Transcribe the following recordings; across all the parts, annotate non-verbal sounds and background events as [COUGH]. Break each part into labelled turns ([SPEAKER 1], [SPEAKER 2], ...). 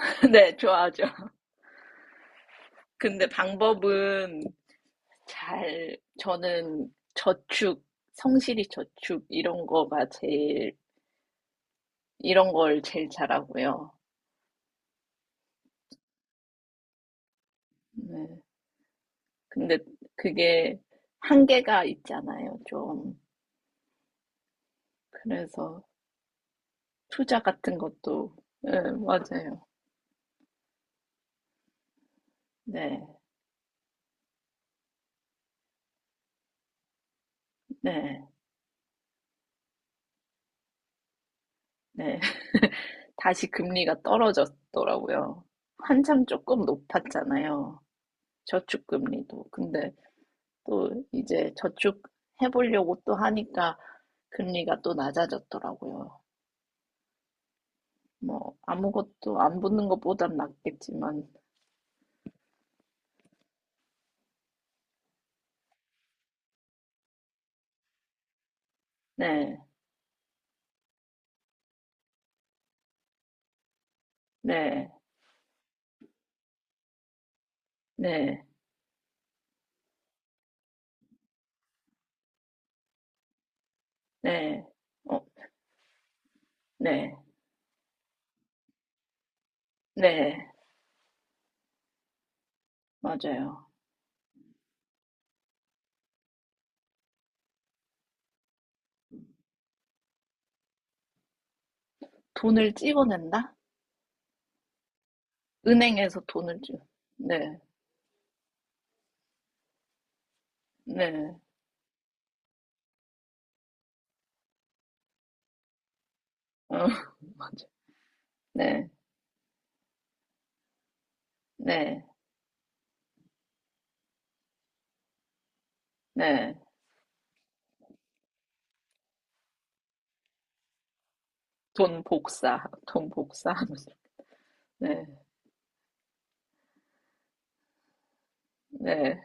[SPEAKER 1] [LAUGHS] 네, 좋아하죠. 근데 방법은, 잘, 저는 저축, 성실히 저축, 이런 거가 제일, 이런 걸 제일 잘하고요. 네. 근데 그게 한계가 있잖아요, 좀. 그래서 투자 같은 것도, 네, 맞아요. 네, 네, 네. [LAUGHS] 다시 금리가 떨어졌더라고요. 한참 조금 높았잖아요. 저축금리도. 근데 또 이제 저축 해보려고 또 하니까 금리가 또 낮아졌더라고요. 뭐 아무것도 안 붙는 것보단 낫겠지만, 네, 네, 네, 네, 어, 네, 네, 맞아요. 돈을 찍어낸다? 은행에서 돈을 찍, 네, 네, 어, 네, 네, 네, 돈 복사, 돈 복사하면서, 네, 네,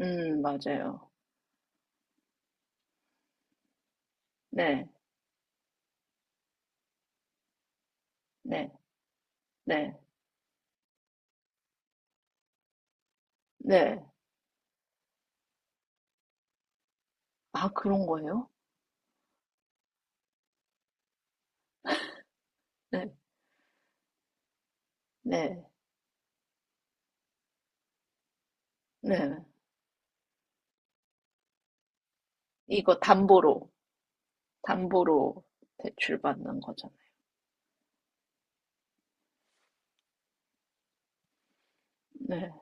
[SPEAKER 1] 맞아요. 네, 네, 네, 네. 아, 그런 거예요? 네, 네, 네. 이거 담보로, 담보로 대출받는 거잖아요. 네,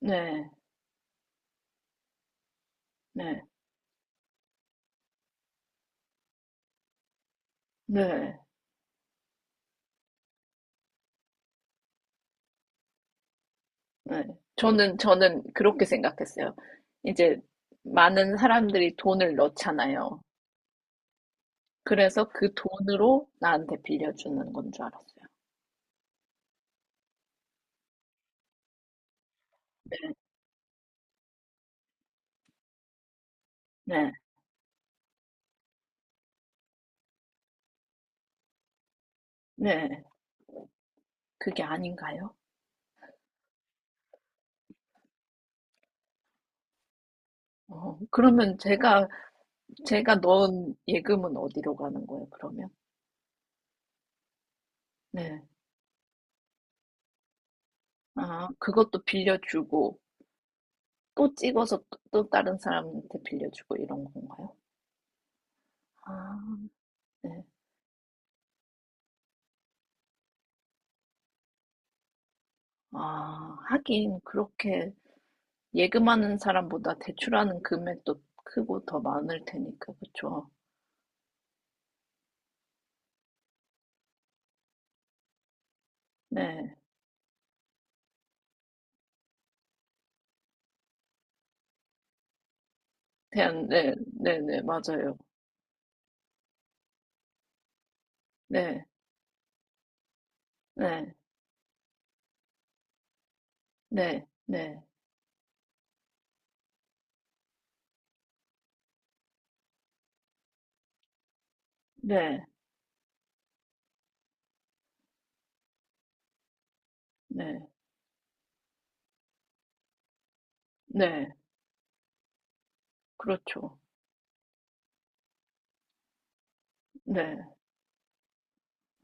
[SPEAKER 1] 네, 네, 네, 네. 저는, 저는 그렇게 생각했어요. 이제 많은 사람들이 돈을 넣잖아요. 그래서 그 돈으로 나한테 빌려주는 건 줄 알았어요. 네, 네, 네. 그게 아닌가요? 어, 그러면 제가, 제가 넣은 예금은 어디로 가는 거예요, 그러면? 네. 아, 그것도 빌려주고, 또 찍어서 또 다른 사람한테 빌려주고 이런 건가요? 아, 네. 아, 하긴 그렇게 예금하는 사람보다 대출하는 금액도 크고 더 많을 테니까, 그쵸? 네. 대한, 네, 네, 네, 맞아요. 네, 네, 네, 네, 네, 네, 네, 그렇죠. 네.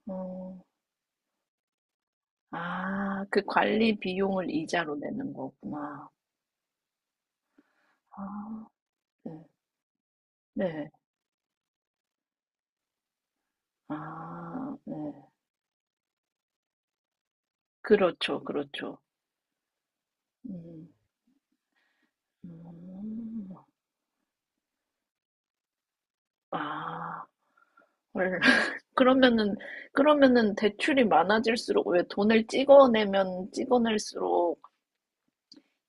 [SPEAKER 1] 어, 아, 그 관리 비용을 이자로 내는 거구나. 아, 네, 네. 아, 네. 그렇죠, 그렇죠. 음. 음. 아, 헐. [LAUGHS] 그러면은, 그러면은 대출이 많아질수록, 왜 돈을 찍어내면 찍어낼수록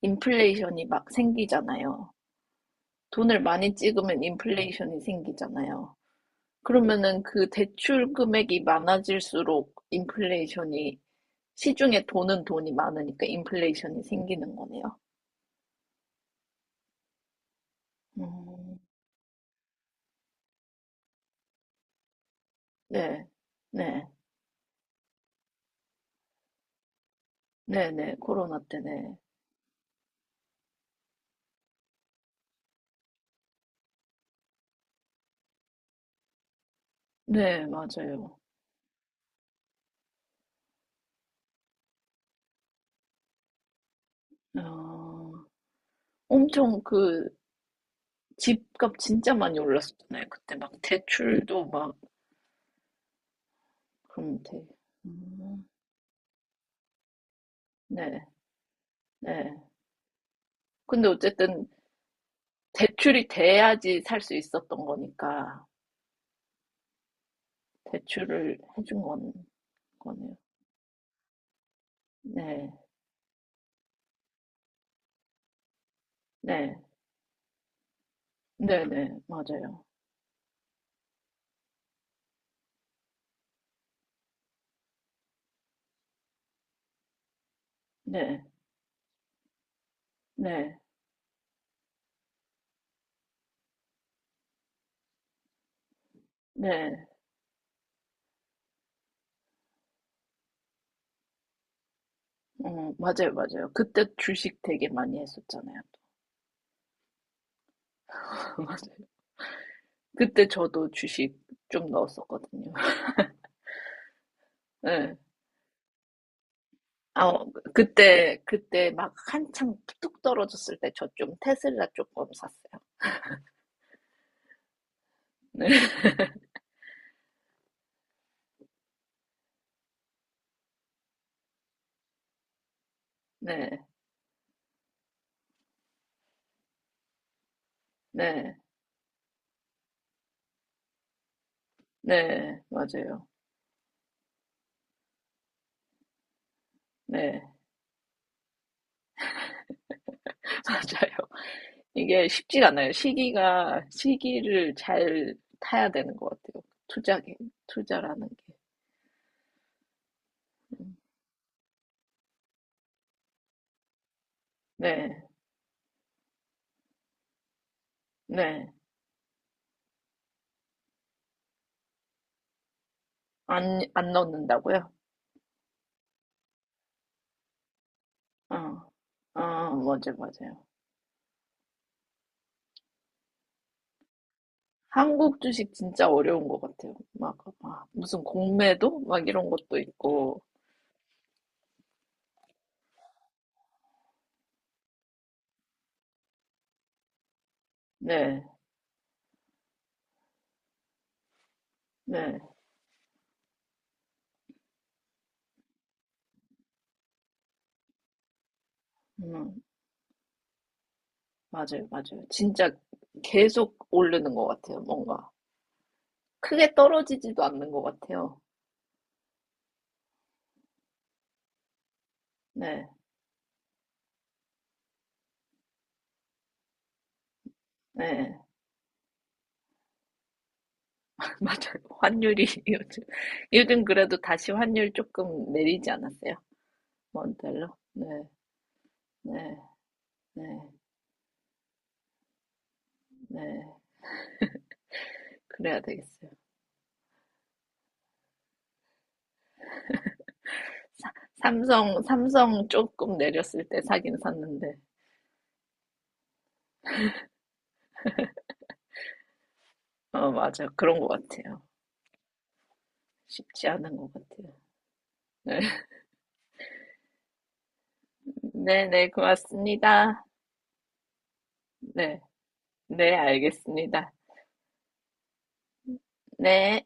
[SPEAKER 1] 인플레이션이 막 생기잖아요. 돈을 많이 찍으면 인플레이션이 생기잖아요. 그러면은 그 대출 금액이 많아질수록 인플레이션이, 시중에 도는 돈이 많으니까 인플레이션이 생기는 거네요. 음, 네, 네, 네, 네, 코로나 때네. 네, 맞아요. 어... 엄청 그 집값 진짜 많이 올랐었잖아요. 그때 막 대출도 막 그럼 돼. 음, 네, 네. 근데 어쨌든 대출이 돼야지 살 수 있었던 거니까 대출을 해준 건 거네요. 네, 네, 네, 네, 맞아요. 네, 네, 네. 맞아요, 맞아요. 그때 주식 되게 많이 했었잖아요. [LAUGHS] 맞아요. 그때 저도 주식 좀 넣었었거든요. [LAUGHS] 네. 아, 어, 그때, 그때 막 한창 뚝 떨어졌을 때 저 좀 테슬라 조금 샀어요. 네, [LAUGHS] 네, 네, 네, 맞아요. 네, [LAUGHS] 맞아요. 이게 쉽지가 않아요. 시기가, 시기를 잘 타야 되는 것 같아요. 투자기, 투자라는 게. 음, 네, 네. 안, 안 넣는다고요? 어, 어, 맞아요, 맞아요. 한국 주식 진짜 어려운 것 같아요. 막, 막 무슨 공매도? 막 이런 것도 있고, 네. 네. 음, 맞아요, 맞아요. 진짜 계속 오르는 것 같아요, 뭔가. 크게 떨어지지도 않는 것 같아요. 네, 네. [LAUGHS] 맞아요. 환율이 [LAUGHS] 요즘, 요즘 그래도 다시 환율 조금 내리지 않았어요? 원달러? 네, 네, 네, 네. 그래야 되겠어요. 사, 삼성, 삼성 조금 내렸을 때 사긴 샀는데. 어, 맞아요. 그런 것 같아요. 쉽지 않은 것 같아요. 네, [LAUGHS] 네, 네, 고맙습니다. 네. 네, 알겠습니다. 네.